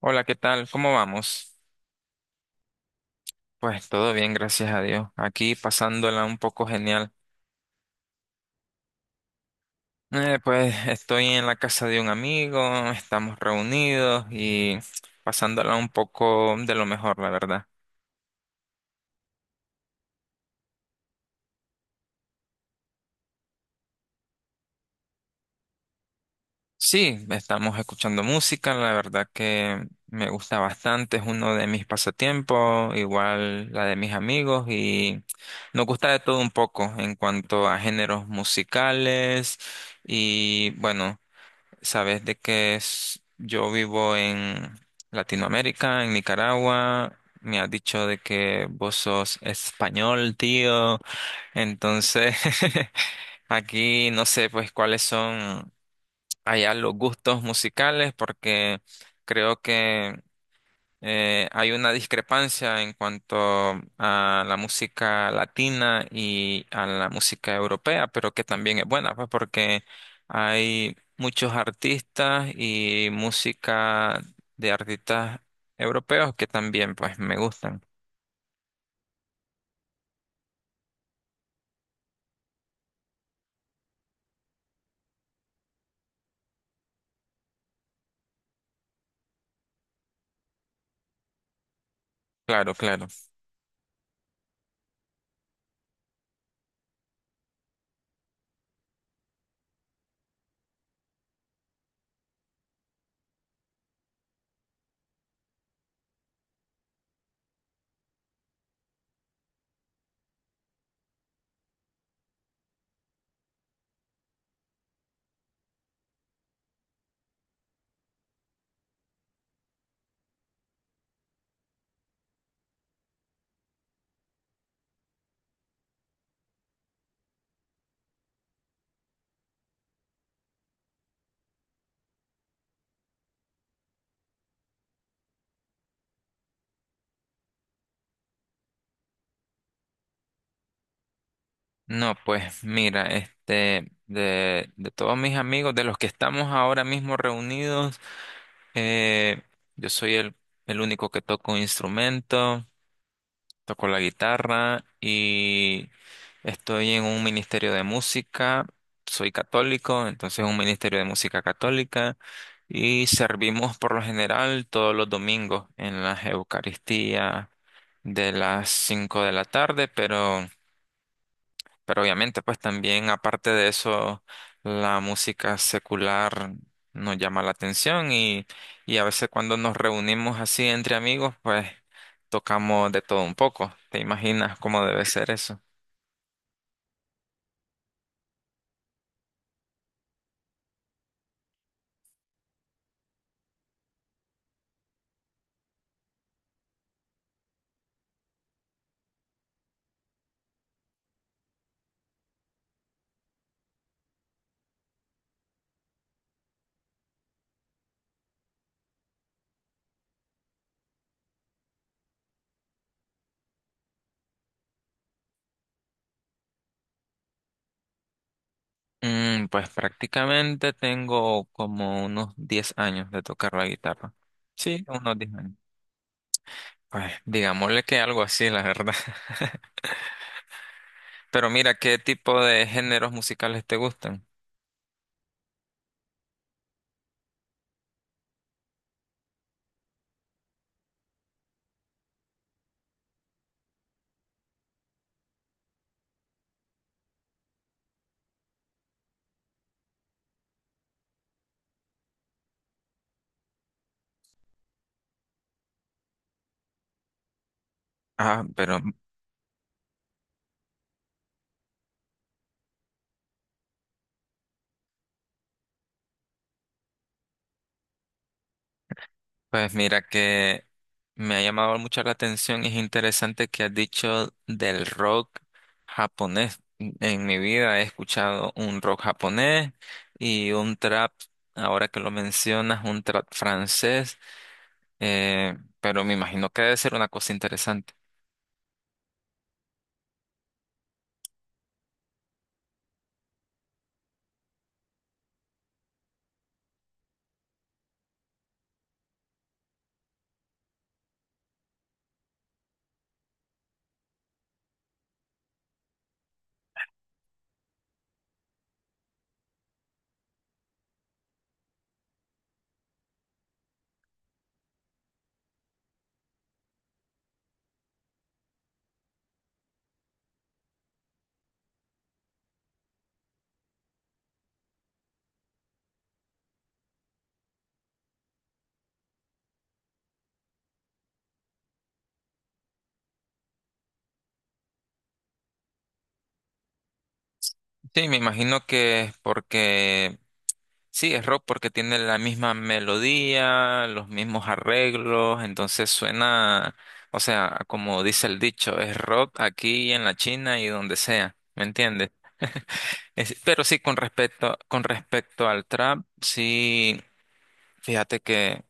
Hola, ¿qué tal? ¿Cómo vamos? Pues todo bien, gracias a Dios. Aquí pasándola un poco genial. Pues estoy en la casa de un amigo, estamos reunidos y pasándola un poco de lo mejor, la verdad. Sí, estamos escuchando música, la verdad que me gusta bastante, es uno de mis pasatiempos, igual la de mis amigos y nos gusta de todo un poco en cuanto a géneros musicales y bueno. Sabes de que es, yo vivo en Latinoamérica, en Nicaragua. Me has dicho de que vos sos español, tío. Entonces, aquí no sé pues cuáles son allá los gustos musicales, porque creo que hay una discrepancia en cuanto a la música latina y a la música europea, pero que también es buena, pues porque hay muchos artistas y música de artistas europeos que también pues me gustan. Claro, claro. No, pues mira, este, de todos mis amigos, de los que estamos ahora mismo reunidos, eh, yo soy el único que toco un instrumento. Toco la guitarra y estoy en un ministerio de música. Soy católico, entonces un ministerio de música católica y servimos por lo general todos los domingos en las Eucaristías de las 5 de la tarde, pero obviamente, pues también aparte de eso, la música secular nos llama la atención y a veces cuando nos reunimos así entre amigos, pues tocamos de todo un poco. ¿Te imaginas cómo debe ser eso? Pues prácticamente tengo como unos 10 años de tocar la guitarra. Sí, unos 10 años. Pues digámosle que algo así, la verdad. Pero mira, ¿qué tipo de géneros musicales te gustan? Ah, pero Pues mira que me ha llamado mucho la atención y es interesante que has dicho del rock japonés. En mi vida he escuchado un rock japonés y un trap, ahora que lo mencionas, un trap francés, pero me imagino que debe ser una cosa interesante. Sí, me imagino que es porque sí, es rock porque tiene la misma melodía, los mismos arreglos, entonces suena, o sea, como dice el dicho, es rock aquí en la China y donde sea, ¿me entiendes? Pero sí, con respecto al trap, sí, fíjate que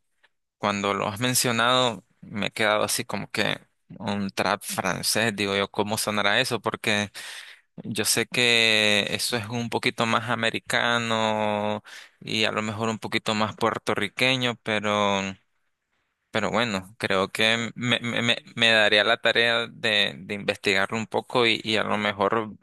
cuando lo has mencionado me he quedado así como que un trap francés, digo yo, ¿cómo sonará eso? Porque yo sé que eso es un poquito más americano y a lo mejor un poquito más puertorriqueño, pero bueno, creo que me daría la tarea de, investigarlo un poco y a lo mejor,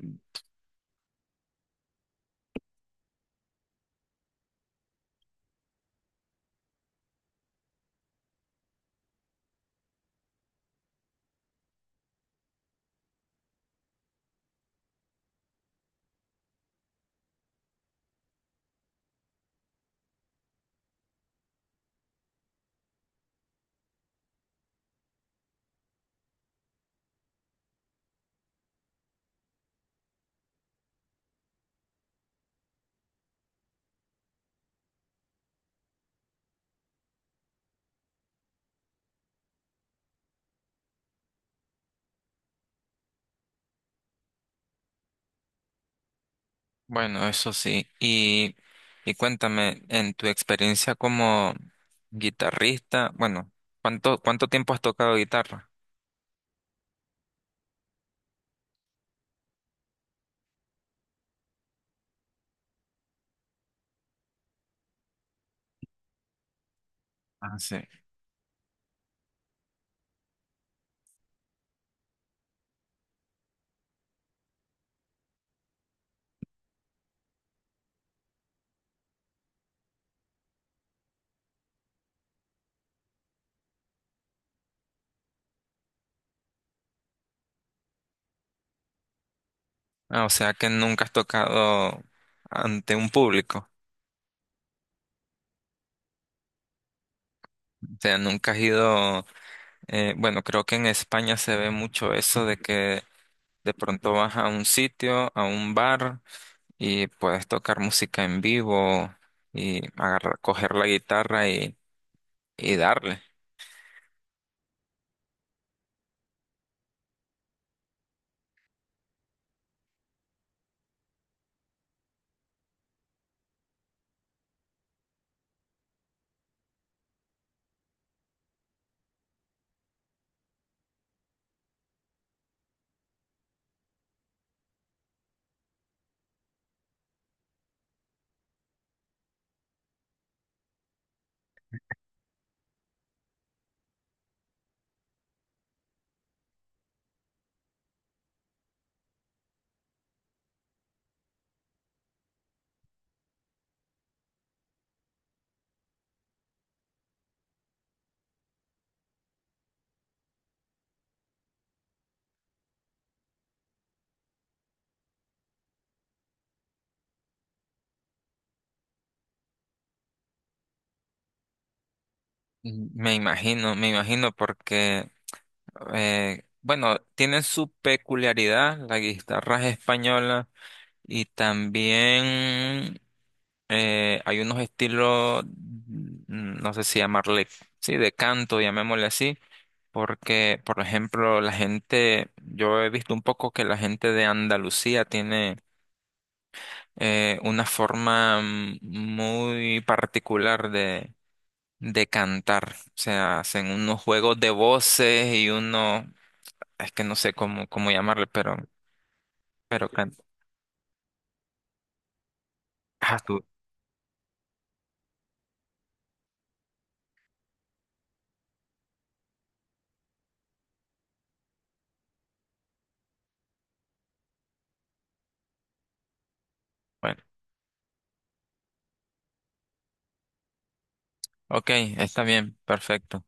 bueno, eso sí. Y cuéntame, en tu experiencia como guitarrista, bueno, ¿cuánto tiempo has tocado guitarra? Ah, sí. Ah, o sea que nunca has tocado ante un público. O sea, nunca has ido. Bueno, creo que en España se ve mucho eso de que de pronto vas a un sitio, a un bar y puedes tocar música en vivo y agarrar, coger la guitarra y darle. Ujú. Me imagino porque, bueno, tienen su peculiaridad las guitarras españolas y también hay unos estilos, no sé si llamarle, sí, de canto, llamémosle así. Porque, por ejemplo, la gente, yo he visto un poco que la gente de Andalucía tiene una forma muy particular de, cantar. O sea, hacen unos juegos de voces y uno, es que no sé cómo, llamarle, pero, pero. Ah, tú. Bueno, ok, está bien, perfecto.